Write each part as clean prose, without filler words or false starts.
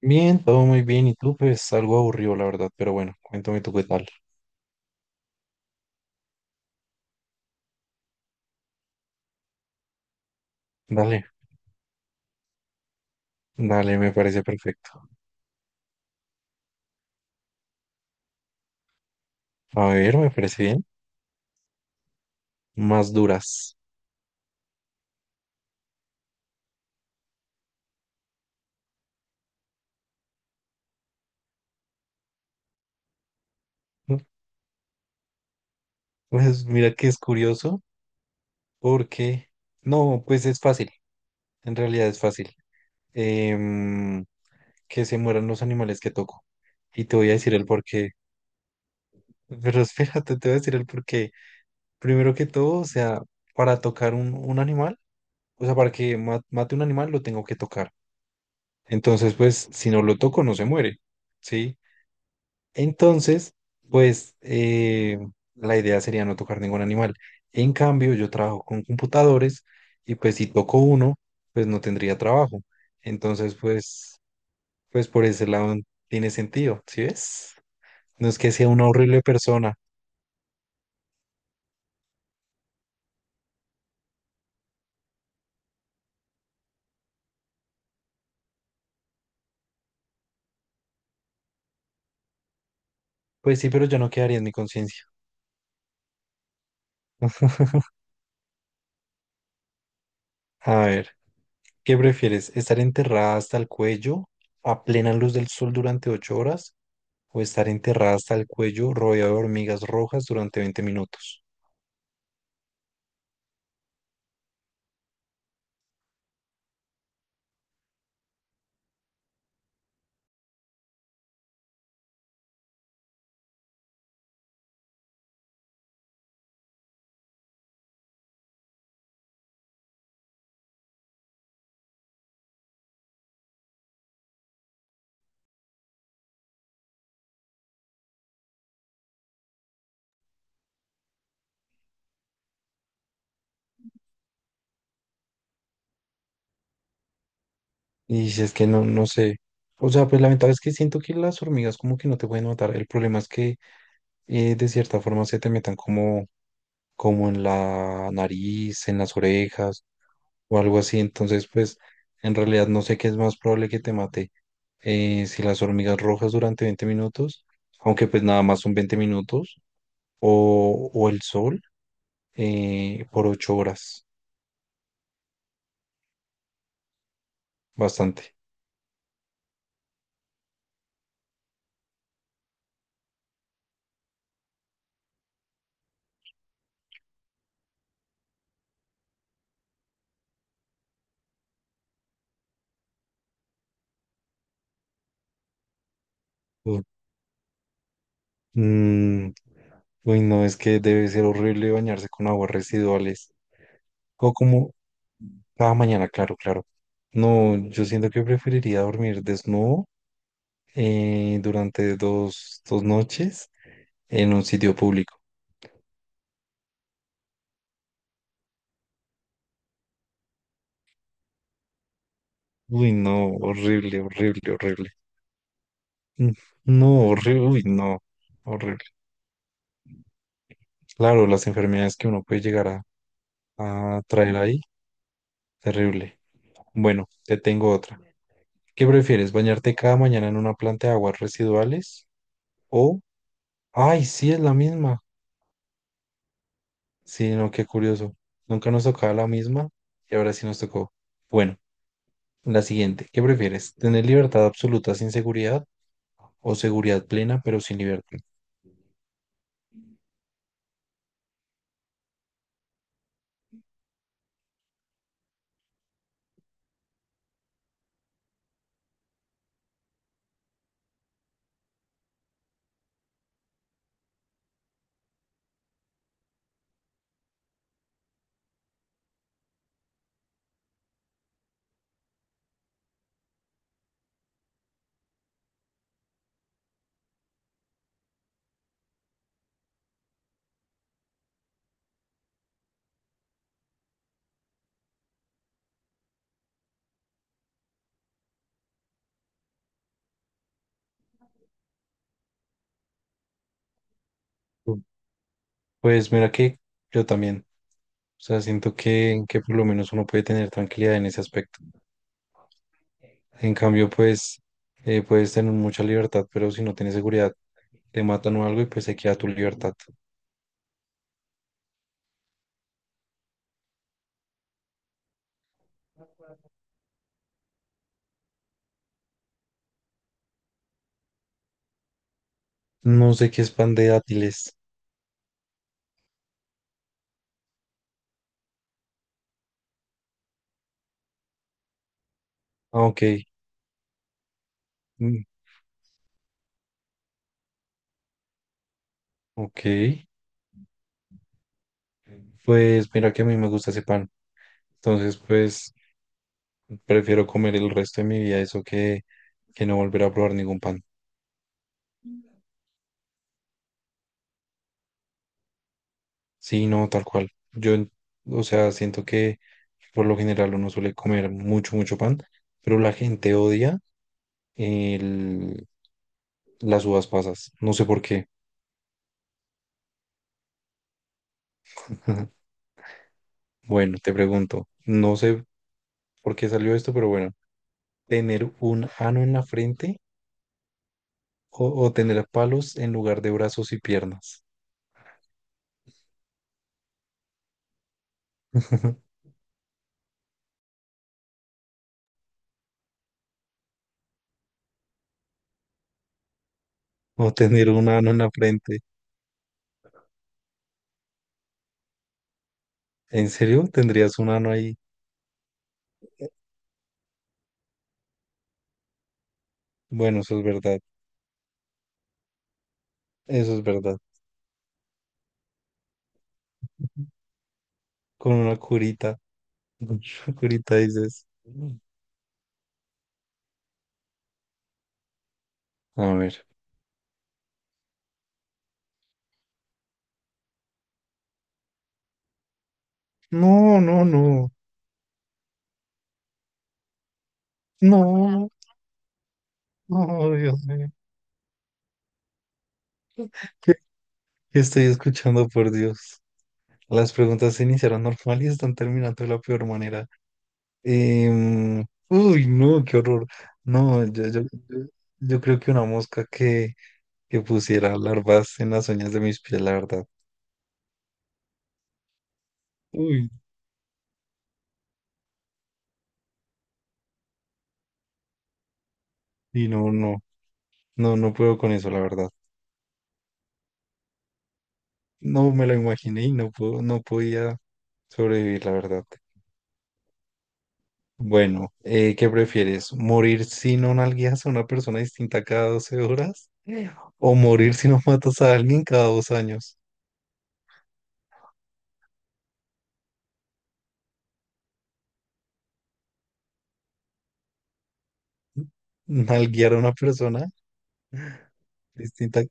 Bien, todo muy bien. Y tú, pues algo aburrido, la verdad. Pero bueno, cuéntame tú qué tal. Dale, dale, me parece perfecto. A ver, me parece bien. Más duras. Mm, Pues mira que es curioso porque... No, pues es fácil. En realidad es fácil. Em, que se mueran los animales que toco. Y te voy a decir el porqué. Pero espérate, te voy a decir el porqué. Primero que todo, o sea, para tocar un animal, o sea, para que mate un animal lo tengo que tocar. Entonces, pues, si no lo toco, no se muere, ¿sí? Entonces, pues, la idea sería no tocar ningún animal. En cambio, yo trabajo con computadores y pues si toco uno, pues no tendría trabajo. Entonces, pues por ese lado tiene sentido, ¿sí ves? No es que sea una horrible persona. Pues sí, pero yo no quedaría en mi conciencia. A ver, ¿qué prefieres? ¿Estar enterrada hasta el cuello a plena luz del sol durante 8 horas o estar enterrada hasta el cuello rodeada de hormigas rojas durante 20 minutos? Y si es que no, no sé. O sea, pues la ventaja es que siento que las hormigas como que no te pueden matar. El problema es que de cierta forma se te metan como en la nariz, en las orejas o algo así. Entonces, pues en realidad no sé qué es más probable que te mate. Si las hormigas rojas durante 20 minutos, aunque pues nada más son 20 minutos, o, el sol por 8 horas. Bastante. Mm, uy, no, es que debe ser horrible bañarse con aguas residuales. O como cada mañana, claro, claro. No, yo siento que preferiría dormir desnudo durante dos noches en un sitio público. Uy, no, horrible, horrible, horrible. Mm, no, horrible, uy, no, horrible. Claro, las enfermedades que uno puede llegar a traer ahí, terrible. Bueno, te tengo otra. ¿Qué prefieres, bañarte cada mañana en una planta de aguas residuales? O, ay, sí, es la misma. Sí, no, qué curioso. Nunca nos tocaba la misma y ahora sí nos tocó. Bueno, la siguiente. ¿Qué prefieres? ¿Tener libertad absoluta sin seguridad o seguridad plena pero sin libertad? Uy. Pues mira que yo también. O sea, siento que por lo menos uno puede tener tranquilidad en ese aspecto. En cambio, pues puedes tener mucha libertad, pero si no tienes seguridad, te matan o algo y pues se queda tu libertad. No sé qué es pan de dátiles. Ah, ok. Mm, ok. Pues mira que a mí me gusta ese pan. Entonces, pues prefiero comer el resto de mi vida eso que no volver a probar ningún pan. Sí, no, tal cual. Yo, o sea, siento que por lo general uno suele comer mucho, mucho pan, pero la gente odia el, las uvas pasas. No sé por qué. Bueno, te pregunto, no sé por qué salió esto, pero bueno, ¿tener un ano en la frente o tener palos en lugar de brazos y piernas? O tener un ano en la frente. ¿En serio? ¿Tendrías un ano ahí? Bueno, eso es verdad. Eso es verdad. Con una curita. Con una curita dices. A ver. No, no, no. No. No, Dios mío. ¿Qué, qué estoy escuchando, por Dios? Las preguntas se iniciaron normal y están terminando de la peor manera. Uy, no, qué horror. No, yo creo que una mosca que pusiera larvas en las uñas de mis pies, la verdad. Uy, y no, no. No, no puedo con eso, la verdad. No me lo imaginé y no puedo, no podía sobrevivir, la verdad. Bueno, ¿qué prefieres? ¿Morir si no nalgueas a una persona distinta cada 12 horas? ¿O morir si no matas a alguien cada 2 años? ¿Nalguear a una persona distinta?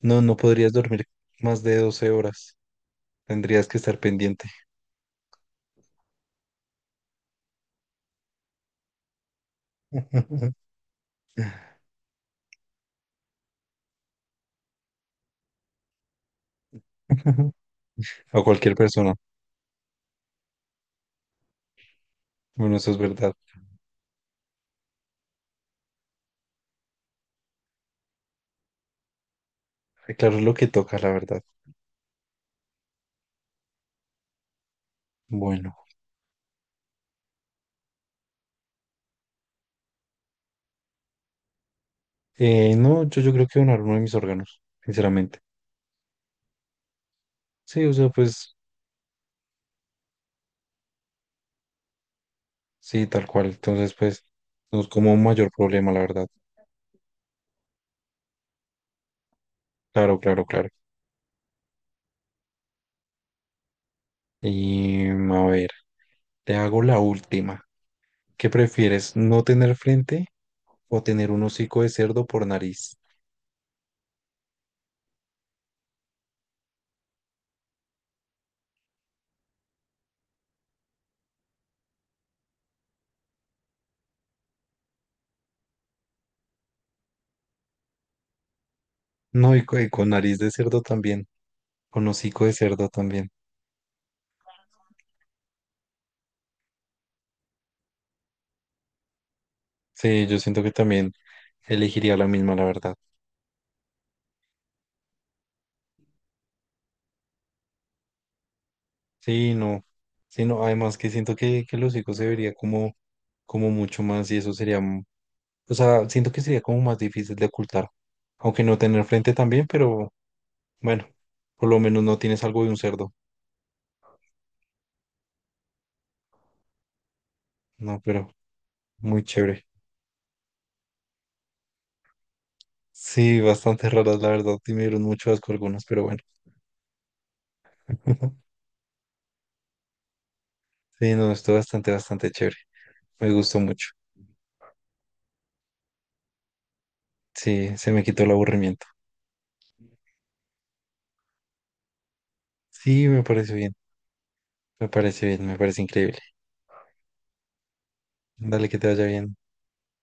No, no podrías dormir más de 12 horas. Tendrías que estar pendiente. A cualquier persona. Bueno, eso es verdad. Claro, es lo que toca, la verdad. Bueno. No, yo creo que donar uno de mis órganos, sinceramente. Sí, o sea, pues sí, tal cual. Entonces, pues no es como un mayor problema, la verdad. Claro, claro, claro. Y a ver, te hago la última. ¿Qué prefieres, no tener frente o tener un hocico de cerdo por nariz? No, y con, nariz de cerdo también, con hocico de cerdo también. Sí, yo siento que también elegiría la misma, la verdad. Sí, no. Sí, no, además que siento que el hocico se vería como mucho más y eso sería. O sea, siento que sería como más difícil de ocultar. Aunque no tener frente también, pero bueno, por lo menos no tienes algo de un cerdo. No, pero muy chévere. Sí, bastante raras, la verdad. Y me dieron mucho asco algunas, pero bueno. Sí, no, estuvo bastante, bastante chévere. Me gustó mucho. Sí, se me quitó el aburrimiento. Sí, me parece bien. Me parece bien, me parece increíble. Dale, que te vaya bien.